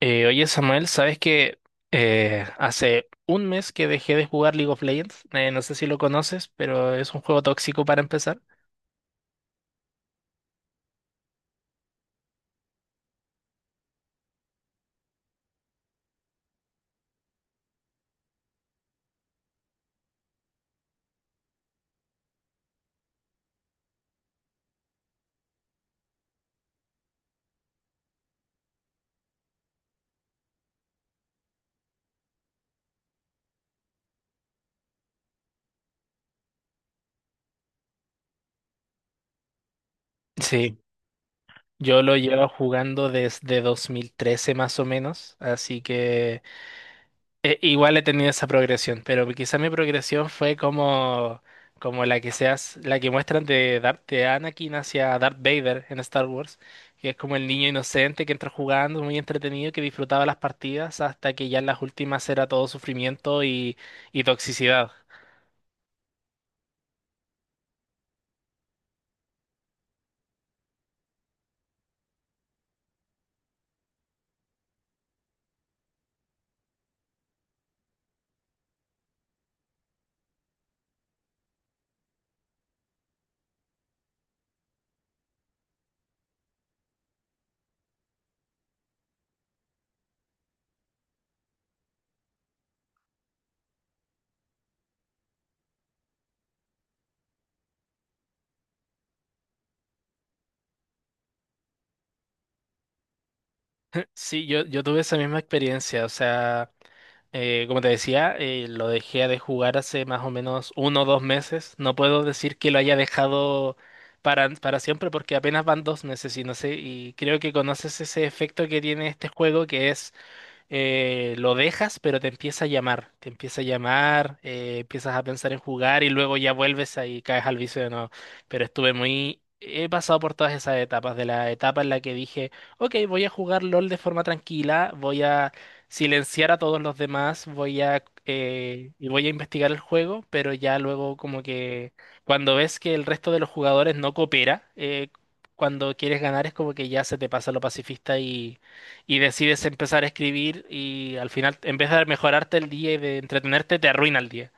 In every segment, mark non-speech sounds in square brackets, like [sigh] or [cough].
Oye Samuel, ¿sabes que hace un mes que dejé de jugar League of Legends? No sé si lo conoces, pero es un juego tóxico para empezar. Sí, yo lo llevo jugando desde 2013 más o menos, así que igual he tenido esa progresión, pero quizá mi progresión fue como, como la que seas, la que muestran de Darth de Anakin hacia Darth Vader en Star Wars, que es como el niño inocente que entra jugando, muy entretenido, que disfrutaba las partidas hasta que ya en las últimas era todo sufrimiento y toxicidad. [laughs] Sí, yo tuve esa misma experiencia, o sea. Como te decía, lo dejé de jugar hace más o menos uno o dos meses. No puedo decir que lo haya dejado para siempre porque apenas van dos meses y no sé, y creo que conoces ese efecto que tiene este juego que es lo dejas, pero te empieza a llamar, te empieza a llamar, empiezas a pensar en jugar y luego ya vuelves ahí, caes al vicio de nuevo. Pero estuve muy... He pasado por todas esas etapas, de la etapa en la que dije, ok, voy a jugar LOL de forma tranquila, voy a silenciar a todos los demás, voy a... voy a investigar el juego, pero ya luego como que cuando ves que el resto de los jugadores no coopera, cuando quieres ganar es como que ya se te pasa lo pacifista y decides empezar a escribir y al final, en vez de mejorarte el día y de entretenerte, te arruina el día.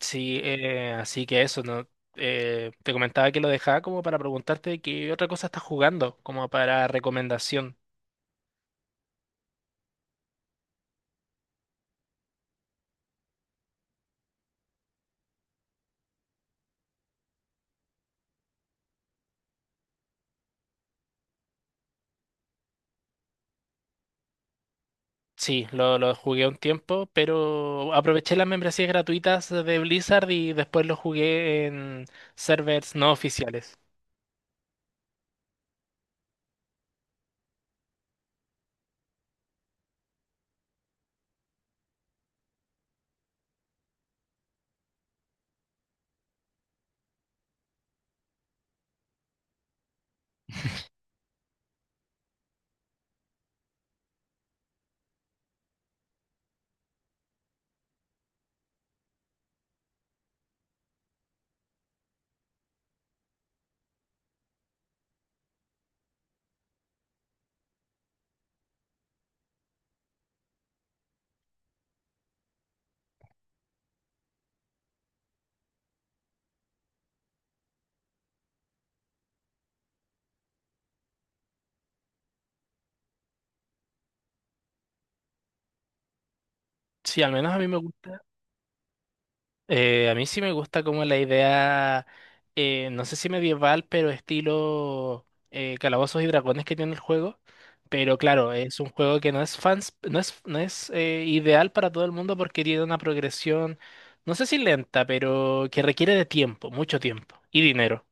Sí, así que eso, ¿no? Te comentaba que lo dejaba como para preguntarte qué otra cosa estás jugando, como para recomendación. Sí, lo jugué un tiempo, pero aproveché las membresías gratuitas de Blizzard y después lo jugué en servers no oficiales. Sí, al menos a mí me gusta. A mí sí me gusta como la idea, no sé si medieval, pero estilo Calabozos y Dragones que tiene el juego. Pero claro, es un juego que no es fans, no es ideal para todo el mundo porque tiene una progresión, no sé si lenta, pero que requiere de tiempo, mucho tiempo y dinero.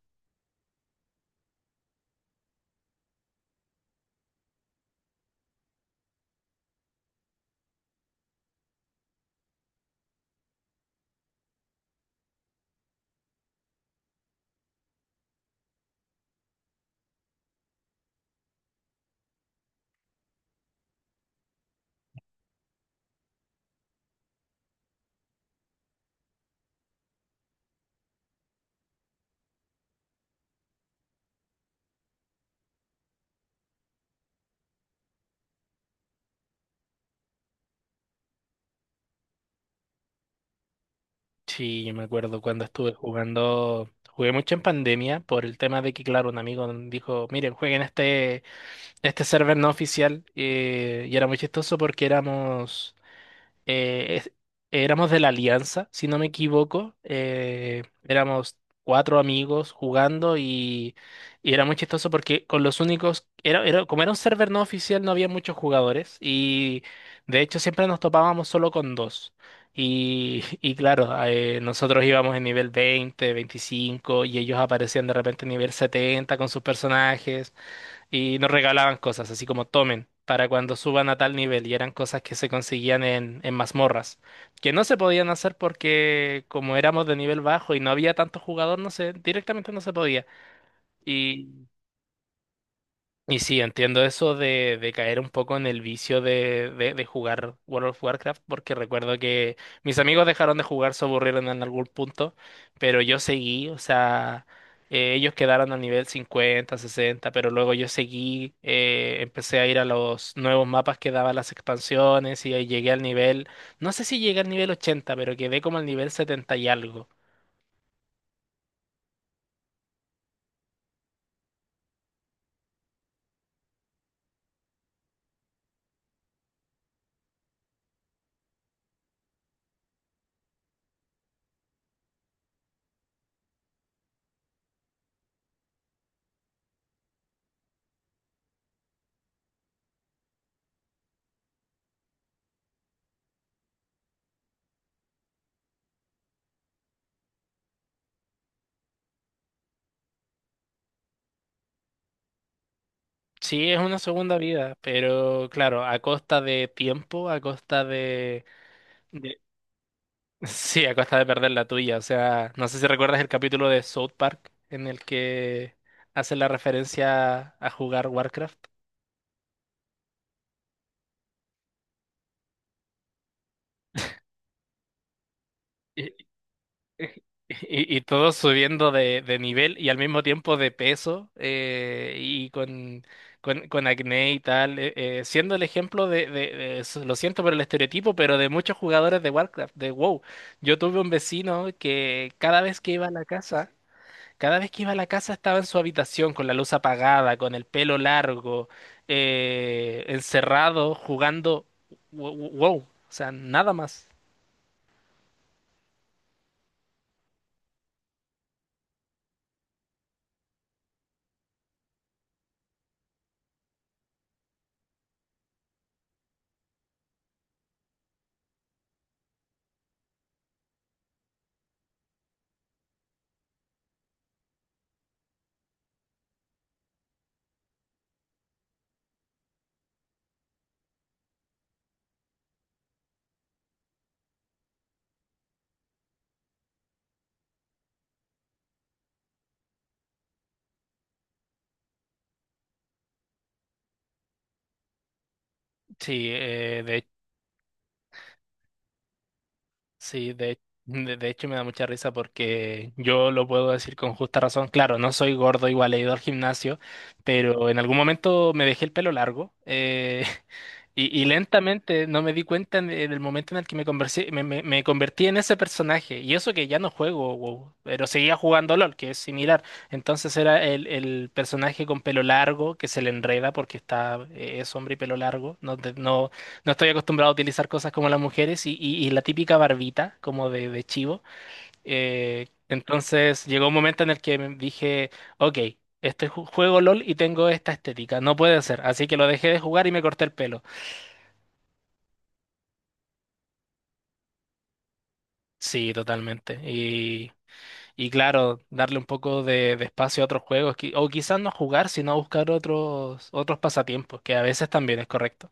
Sí, yo me acuerdo cuando estuve jugando, jugué mucho en pandemia por el tema de que, claro, un amigo dijo, miren, jueguen este server no oficial. Y era muy chistoso porque éramos eh, es- éramos de la Alianza, si no me equivoco. Éramos cuatro amigos jugando y era muy chistoso porque con los únicos, como era un server no oficial, no había muchos jugadores y de hecho siempre nos topábamos solo con dos. Y [laughs] y claro, nosotros íbamos en nivel 20 25 y ellos aparecían de repente en nivel 70 con sus personajes y nos regalaban cosas, así como tomen, para cuando suban a tal nivel, y eran cosas que se conseguían en mazmorras, que no se podían hacer porque como éramos de nivel bajo y no había tanto jugador, no sé, directamente no se podía. y y sí, entiendo eso de caer un poco en el vicio de jugar World of Warcraft, porque recuerdo que mis amigos dejaron de jugar, se aburrieron en algún punto, pero yo seguí, o sea, ellos quedaron al nivel 50 60 pero luego yo seguí, empecé a ir a los nuevos mapas que daban las expansiones y ahí llegué al nivel, no sé si llegué al nivel 80 pero quedé como al nivel 70 y algo. Sí, es una segunda vida, pero claro, a costa de tiempo, a costa de... Sí, a costa de perder la tuya. O sea, no sé si recuerdas el capítulo de South Park en el que hace la referencia a jugar Warcraft. Y, y- y todos subiendo de nivel y al mismo tiempo de peso y con acné y tal, siendo el ejemplo de eso, lo siento por el estereotipo, pero de muchos jugadores de Warcraft, de WoW. Yo tuve un vecino que cada vez que iba a la casa... Cada vez que iba a la casa estaba en su habitación con la luz apagada, con el pelo largo, encerrado, jugando. Wow, o sea, nada más. Sí, sí, de hecho me da mucha risa porque yo lo puedo decir con justa razón. Claro, no soy gordo, igual he ido al gimnasio, pero en algún momento me dejé el pelo largo. Y lentamente no me di cuenta en el momento en el que me, conversé- me- me convertí en ese personaje. Y eso que ya no juego WoW, pero seguía jugando LOL, que es similar. Entonces era el personaje con pelo largo que se le enreda porque está, es hombre y pelo largo. No estoy acostumbrado a utilizar cosas como las mujeres y la típica barbita, como de chivo. Entonces llegó un momento en el que me dije, ok. Este juego LOL y tengo esta estética. No puede ser. Así que lo dejé de jugar y me corté el pelo. Sí, totalmente. Y claro, darle un poco de espacio a otros juegos, o quizás no jugar, sino a buscar otros, otros pasatiempos, que a veces también es correcto.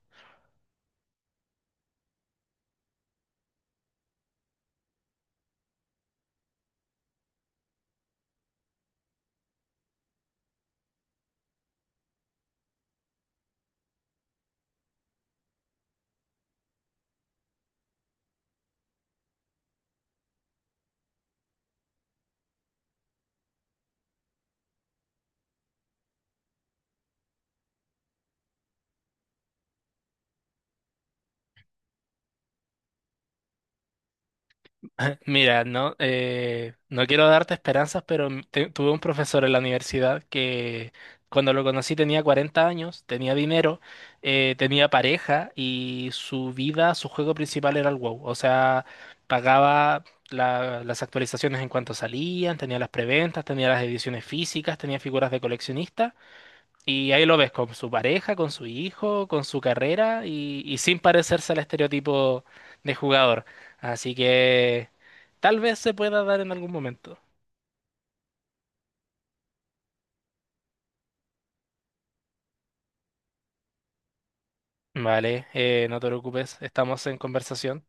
Mira, no, no quiero darte esperanzas, pero tuve un profesor en la universidad que cuando lo conocí tenía 40 años, tenía dinero, tenía pareja y su vida, su juego principal era el WoW. O sea, pagaba las actualizaciones en cuanto salían, tenía las preventas, tenía las ediciones físicas, tenía figuras de coleccionista. Y ahí lo ves con su pareja, con su hijo, con su carrera y sin parecerse al estereotipo de jugador. Así que... Tal vez se pueda dar en algún momento. Vale, no te preocupes, estamos en conversación.